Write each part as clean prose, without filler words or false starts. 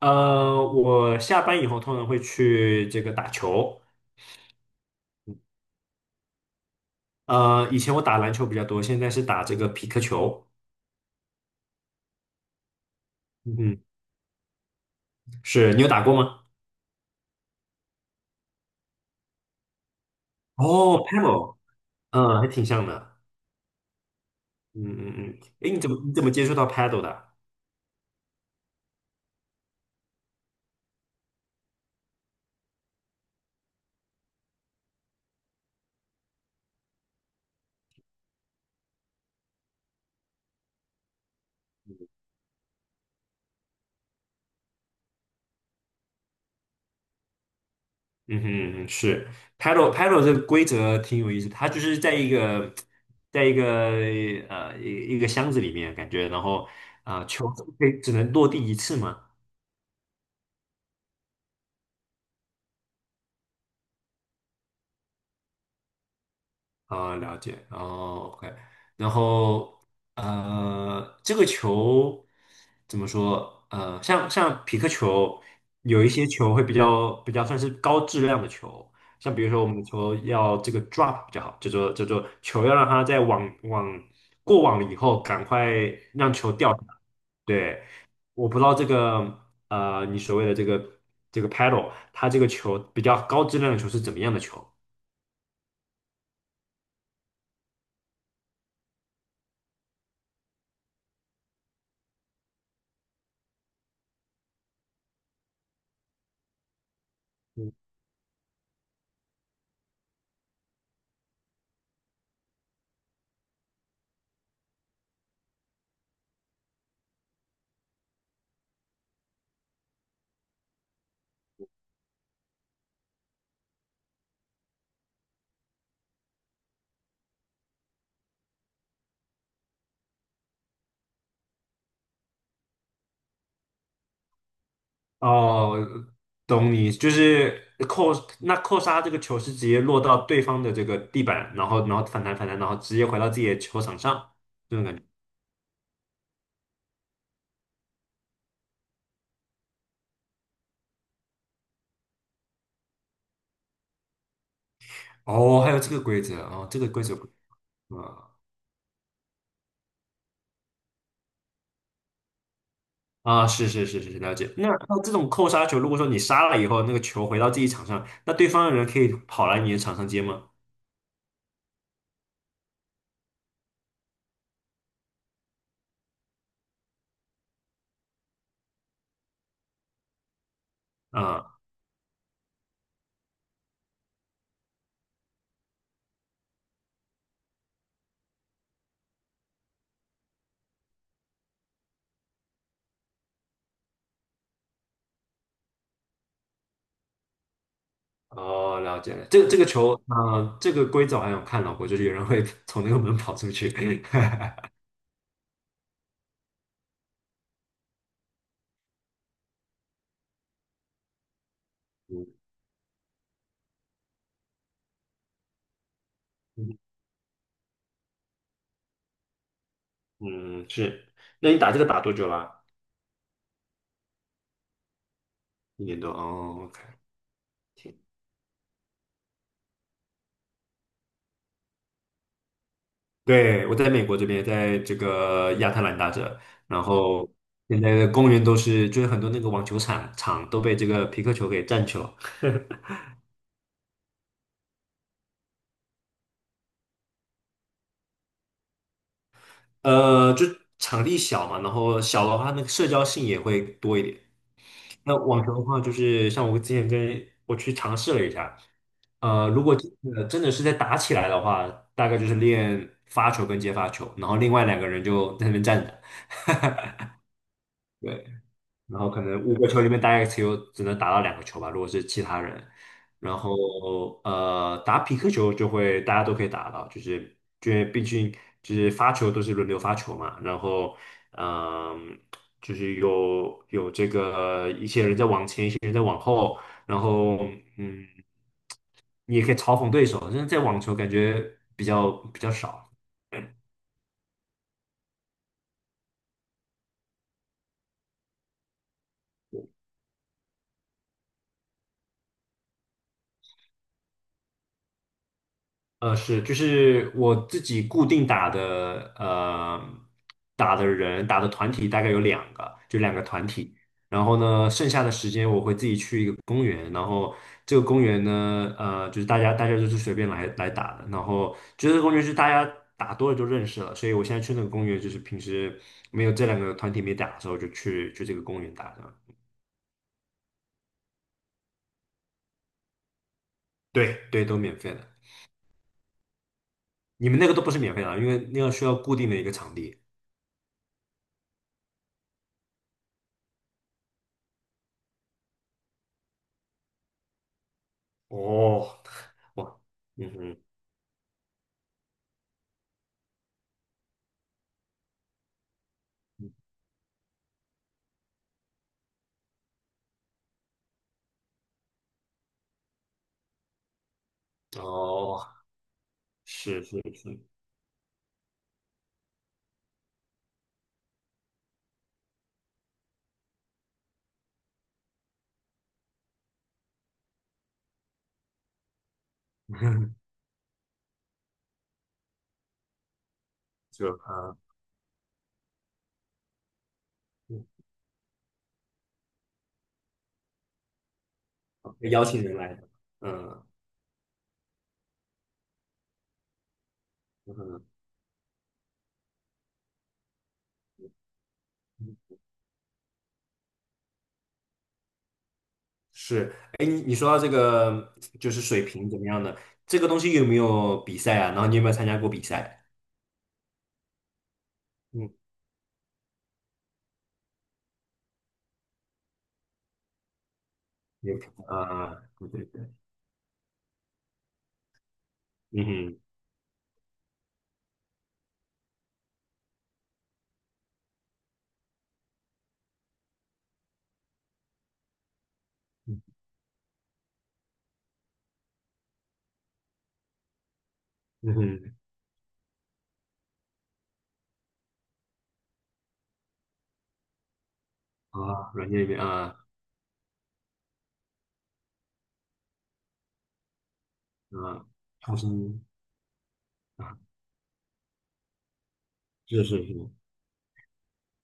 我下班以后通常会去这个打球。以前我打篮球比较多，现在是打这个匹克球。嗯，是你有打过吗？哦，paddle，嗯，还挺像的。嗯嗯嗯，哎，你怎么接触到 paddle 的啊？嗯哼，是 paddle 这个规则挺有意思，它就是在一个在一个一个箱子里面感觉，然后球可以只能落地一次嘛。啊，了解，哦，OK，然后这个球怎么说？呃，像像匹克球，有一些球会比较算是高质量的球，像比如说我们的球要这个 drop 比较好，叫做球要让它在过网了以后，赶快让球掉下来对，我不知道这个你所谓的这个这个 paddle，它这个球比较高质量的球是怎么样的球？哦，懂你，就是扣，那扣杀这个球是直接落到对方的这个地板，然后反弹，然后直接回到自己的球场上，这种感觉。哦，还有这个规则哦，这个规则不啊啊，是，了解。那那这种扣杀球，如果说你杀了以后，那个球回到自己场上，那对方的人可以跑来你的场上接吗？啊、哦，了解了。这个这个球，啊、这个规则我好像有看到过，就是有人会 从那个门跑出去。嗯嗯，是。那你打这个打多久啦？一年多。哦，OK。对，我在美国这边，在这个亚特兰大这，然后现在的公园都是，就是很多那个网球场都被这个皮克球给占去了。呃，就场地小嘛，然后小的话，那个社交性也会多一点。那网球的话，就是像我之前跟我去尝试了一下，呃，如果真的是在打起来的话，大概就是练发球跟接发球，然后另外两个人就在那边站着。对。然后可能五个球里面大概只能打到两个球吧，如果是其他人。然后打匹克球就会大家都可以打到，就是因为毕竟就是发球都是轮流发球嘛，然后嗯、就是有这个一些人在往前，一些人在往后，然后嗯，你也可以嘲讽对手，但是在网球感觉比较少。是，就是我自己固定打的，打的人打的团体大概有两个，就两个团体。然后呢，剩下的时间我会自己去一个公园，然后这个公园呢，呃，就是大家就是随便来打的。然后就是这个公园就是大家打多了就认识了，所以我现在去那个公园，就是平时没有这两个团体没打的时候，就去这个公园打这样对对，都免费的。你们那个都不是免费的，因为那个需要固定的一个场地。哦，哇，嗯哼，哦，是是是，就啊，嗯邀请人来的，嗯嗯，是，哎，你你说到这个就是水平怎么样的，这个东西有没有比赛啊？然后你有没有参加过比赛？嗯，有啊，对对对，嗯哼嗯哼，啊，软件里面啊啊，创新啊，是是是，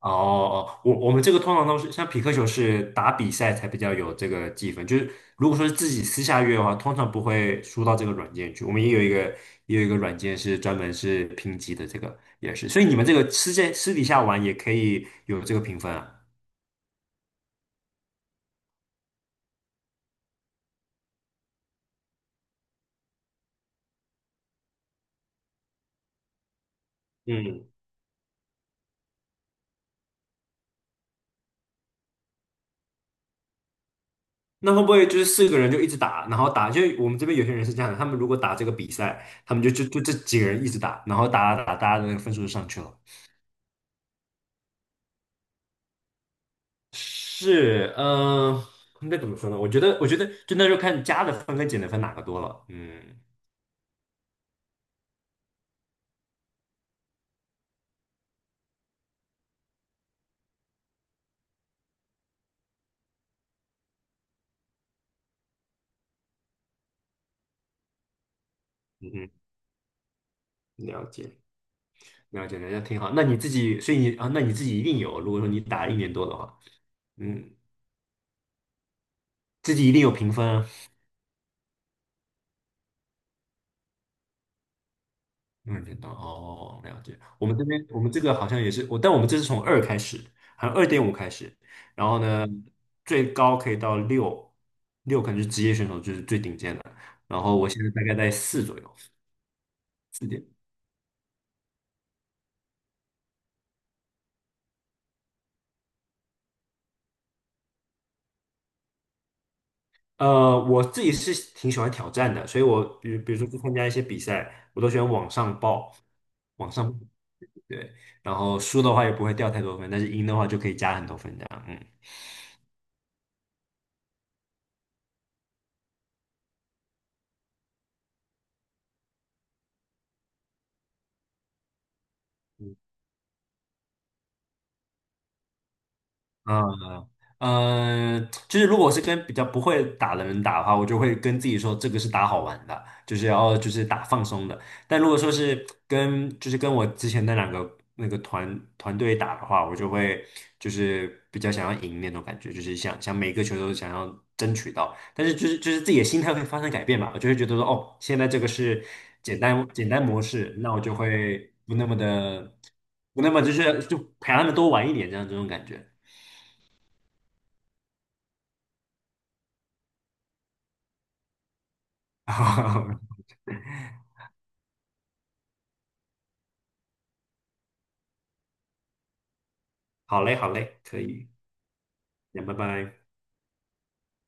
哦哦，我我们这个通常都是像匹克球是打比赛才比较有这个积分，就是如果说是自己私下约的话，通常不会输到这个软件去。我们也有一个也有一个软件是专门是评级的，这个也是。所以你们这个私在私底下玩也可以有这个评分啊。嗯，那会不会就是四个人就一直打，然后打？就我们这边有些人是这样的，他们如果打这个比赛，他们就这几个人一直打，然后打打打，大家的那个分数就上去了。是，嗯、应该怎么说呢？我觉得，我觉得就那时候看加的分跟减的分哪个多了。嗯嗯嗯，了解。了解，了解，挺好。那你自己，所以你啊，那你自己一定有。如果说你打一年多的话，嗯，自己一定有评分啊。嗯，点多哦，了解。我们这边，我们这个好像也是我，但我们这是从二开始，好像二点五开始，然后呢，最高可以到六，六可能是职业选手，就是最顶尖的。然后我现在大概在四左右。四点。我自己是挺喜欢挑战的，所以我比如说去参加一些比赛，我都喜欢往上报，往上对，然后输的话也不会掉太多分，但是赢的话就可以加很多分这样，嗯。嗯呃，就是如果我是跟比较不会打的人打的话，我就会跟自己说这个是打好玩的，就是打放松的。但如果说是跟就是跟我之前那两个那个团队打的话，我就会就是比较想要赢那种感觉，就是想每个球都想要争取到。但是就是自己的心态会发生改变嘛，我就会觉得说哦，现在这个是简单模式，那我就会不那么就陪他们多玩一点这样这种感觉。好嘞，好嘞，可以，那拜拜。